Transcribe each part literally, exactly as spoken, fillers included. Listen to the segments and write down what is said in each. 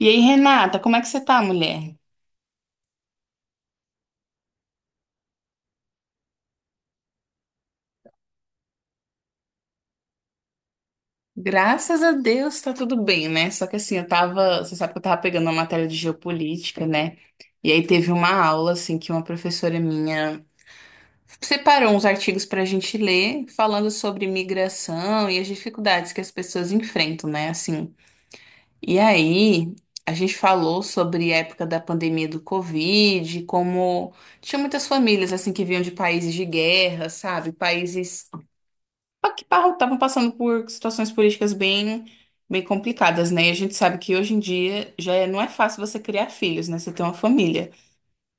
E aí, Renata, como é que você tá, mulher? Graças a Deus tá tudo bem, né? Só que assim, eu tava, você sabe que eu tava pegando uma matéria de geopolítica, né? E aí teve uma aula assim que uma professora minha separou uns artigos pra gente ler, falando sobre migração e as dificuldades que as pessoas enfrentam, né? Assim. E aí, a gente falou sobre a época da pandemia do Covid, como tinha muitas famílias assim que vinham de países de guerra, sabe? Países Pa- que par- estavam passando por situações políticas bem, bem complicadas, né? E a gente sabe que hoje em dia já é- não é fácil você criar filhos, né? Você ter uma família.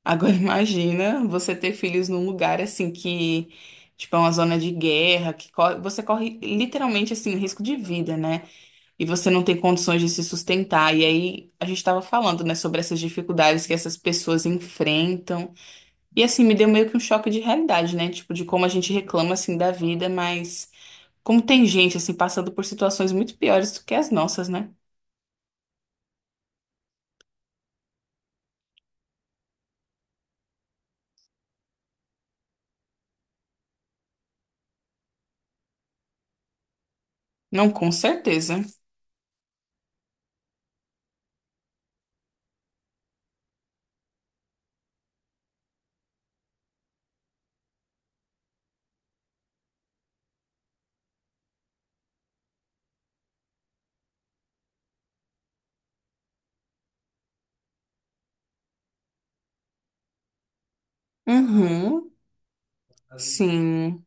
Agora imagina você ter filhos num lugar assim que, tipo, é uma zona de guerra, que co- você corre literalmente assim risco de vida, né? E você não tem condições de se sustentar. E aí a gente estava falando, né, sobre essas dificuldades que essas pessoas enfrentam. E assim me deu meio que um choque de realidade, né? Tipo, de como a gente reclama assim da vida, mas como tem gente assim passando por situações muito piores do que as nossas, né? Não, com certeza. Uhum. Sim.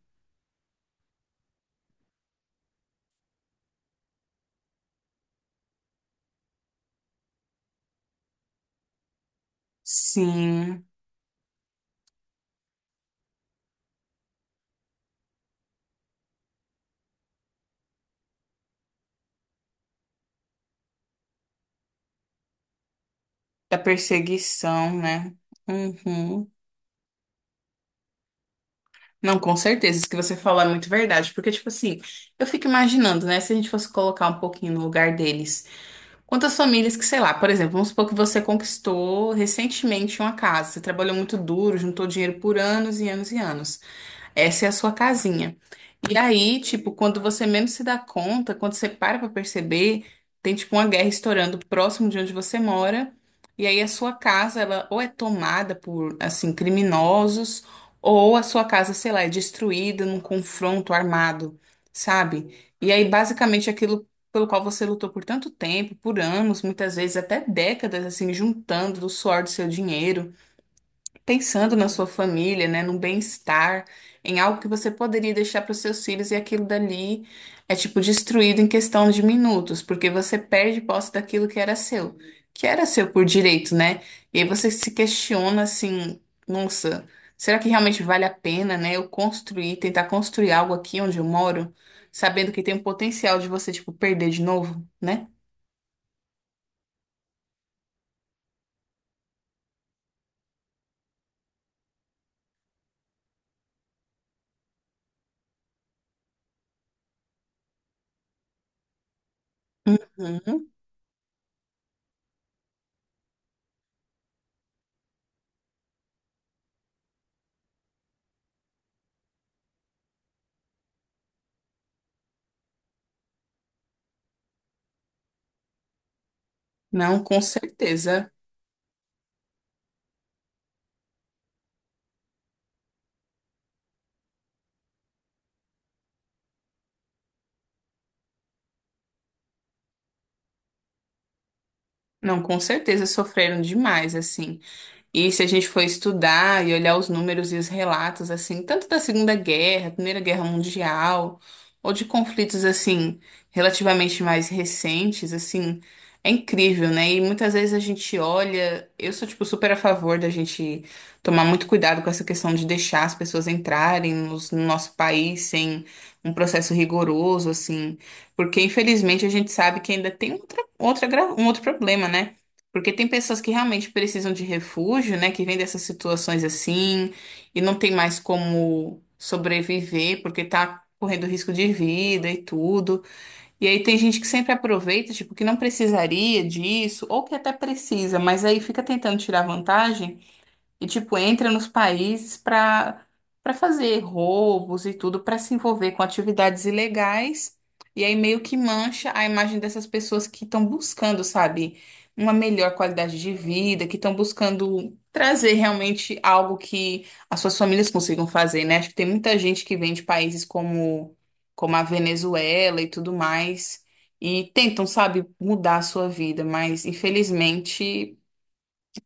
Sim. Da perseguição, né? Uhum. Não, com certeza. Isso que você falou é muito verdade. Porque, tipo assim, eu fico imaginando, né? Se a gente fosse colocar um pouquinho no lugar deles. Quantas famílias que, sei lá, por exemplo, vamos supor que você conquistou recentemente uma casa. Você trabalhou muito duro, juntou dinheiro por anos e anos e anos. Essa é a sua casinha. E aí, tipo, quando você menos se dá conta, quando você para pra perceber, tem tipo uma guerra estourando próximo de onde você mora. E aí a sua casa, ela ou é tomada por, assim, criminosos, ou a sua casa, sei lá, é destruída num confronto armado, sabe? E aí, basicamente, aquilo pelo qual você lutou por tanto tempo, por anos, muitas vezes até décadas, assim, juntando do suor do seu dinheiro pensando na sua família, né, no bem-estar, em algo que você poderia deixar para os seus filhos e aquilo dali é tipo destruído em questão de minutos, porque você perde posse daquilo que era seu, que era seu por direito, né? E aí você se questiona assim, nossa, será que realmente vale a pena, né, eu construir, tentar construir algo aqui onde eu moro, sabendo que tem o potencial de você tipo perder de novo, né? Uhum. Não, com certeza. Não, com certeza sofreram demais, assim. E se a gente for estudar e olhar os números e os relatos, assim, tanto da Segunda Guerra, Primeira Guerra Mundial, ou de conflitos, assim, relativamente mais recentes, assim, é incrível, né? E muitas vezes a gente olha, eu sou, tipo, super a favor da gente tomar muito cuidado com essa questão de deixar as pessoas entrarem nos- no nosso país sem um processo rigoroso, assim, porque infelizmente a gente sabe que ainda tem outra, outra, gra- um outro problema, né? Porque tem pessoas que realmente precisam de refúgio, né? Que vêm dessas situações assim e não tem mais como sobreviver porque tá correndo risco de vida e tudo. E aí tem gente que sempre aproveita, tipo, que não precisaria disso, ou que até precisa, mas aí fica tentando tirar vantagem. E, tipo, entra nos países para para fazer roubos e tudo, para se envolver com atividades ilegais. E aí meio que mancha a imagem dessas pessoas que estão buscando, sabe, uma melhor qualidade de vida, que estão buscando trazer realmente algo que as suas famílias consigam fazer, né? Acho que tem muita gente que vem de países como, como a Venezuela e tudo mais. E tentam, sabe, mudar a sua vida, mas infelizmente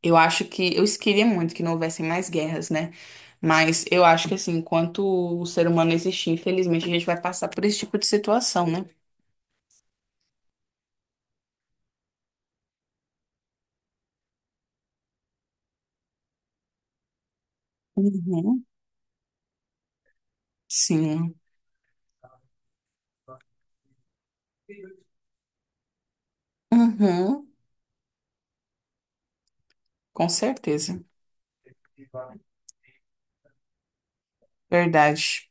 eu acho que eu queria muito que não houvessem mais guerras, né? Mas eu acho que assim, enquanto o ser humano existir, infelizmente a gente vai passar por esse tipo de situação, né? Uhum, sim. Uhum, com certeza. Verdade.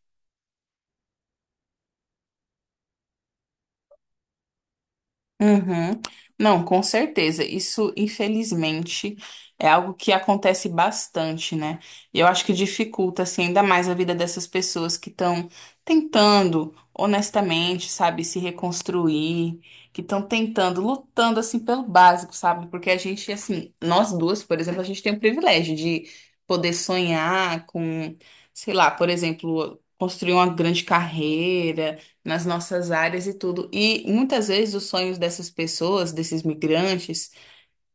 Uhum. Não, com certeza. Isso, infelizmente, é algo que acontece bastante, né? E eu acho que dificulta, assim, ainda mais a vida dessas pessoas que estão tentando, honestamente, sabe, se reconstruir, que estão tentando, lutando, assim, pelo básico, sabe? Porque a gente, assim, nós duas, por exemplo, a gente tem o privilégio de poder sonhar com, sei lá, por exemplo, construir uma grande carreira nas nossas áreas e tudo. E muitas vezes os sonhos dessas pessoas, desses migrantes,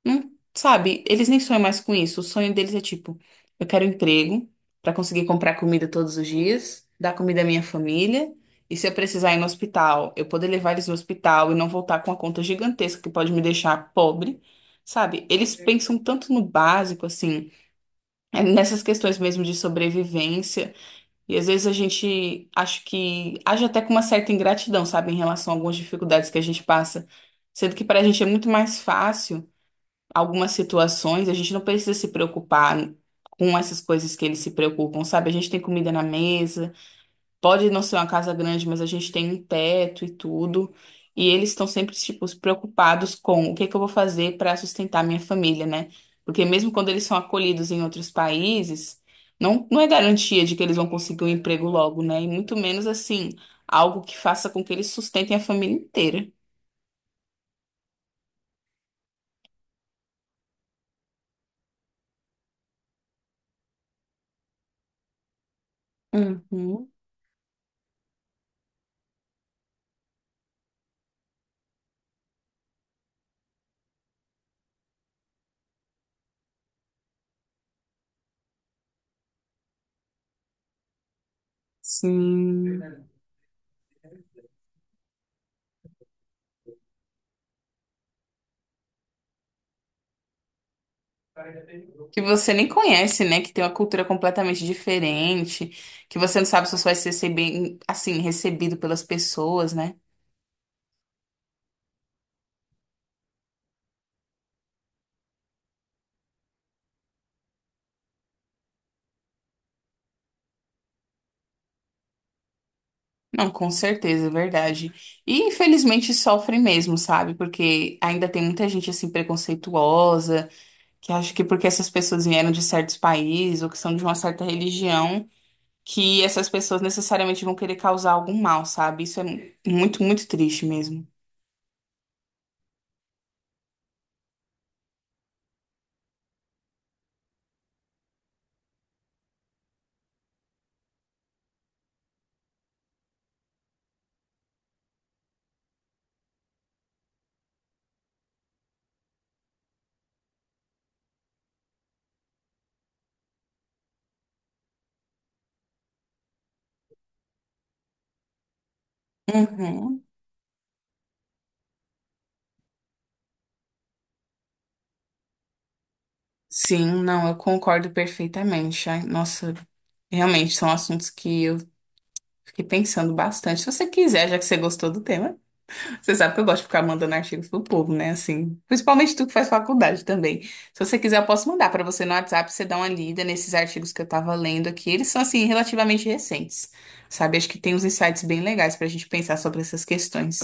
não, sabe, eles nem sonham mais com isso. O sonho deles é tipo, eu quero um emprego para conseguir comprar comida todos os dias, dar comida à minha família, e se eu precisar ir no hospital, eu poder levar eles no hospital e não voltar com uma conta gigantesca que pode me deixar pobre. Sabe, eles pensam tanto no básico, assim, é, nessas questões mesmo de sobrevivência. E às vezes a gente acho que age até com uma certa ingratidão, sabe, em relação a algumas dificuldades que a gente passa. Sendo que para a gente é muito mais fácil algumas situações, a gente não precisa se preocupar com essas coisas que eles se preocupam, sabe? A gente tem comida na mesa. Pode não ser uma casa grande, mas a gente tem um teto e tudo. E eles estão sempre, tipo, preocupados com o que que eu vou fazer para sustentar minha família, né? Porque mesmo quando eles são acolhidos em outros países, não, não é garantia de que eles vão conseguir um emprego logo, né? E muito menos, assim, algo que faça com que eles sustentem a família inteira. Uhum, sim. Que você nem conhece, né? Que tem uma cultura completamente diferente, que você não sabe se você vai ser bem, assim, recebido pelas pessoas, né? Não, com certeza, é verdade. E infelizmente sofre mesmo, sabe? Porque ainda tem muita gente assim preconceituosa, que acha que porque essas pessoas vieram de certos países ou que são de uma certa religião, que essas pessoas necessariamente vão querer causar algum mal, sabe? Isso é mu- muito, muito triste mesmo. Uhum. Sim, não, eu concordo perfeitamente. Ai, nossa, realmente são assuntos que eu fiquei pensando bastante. Se você quiser, já que você gostou do tema. Você sabe que eu gosto de ficar mandando artigos pro povo, né? Assim, principalmente tu que faz faculdade também. Se você quiser, eu posso mandar para você no WhatsApp, você dá uma lida nesses artigos que eu tava lendo aqui. Eles são, assim, relativamente recentes, sabe? Acho que tem uns insights bem legais pra gente pensar sobre essas questões.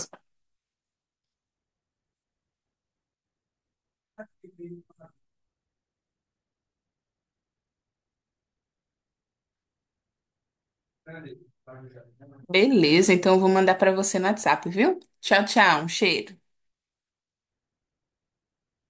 Beleza, então eu vou mandar para você no WhatsApp, viu? Tchau, tchau. Um cheiro.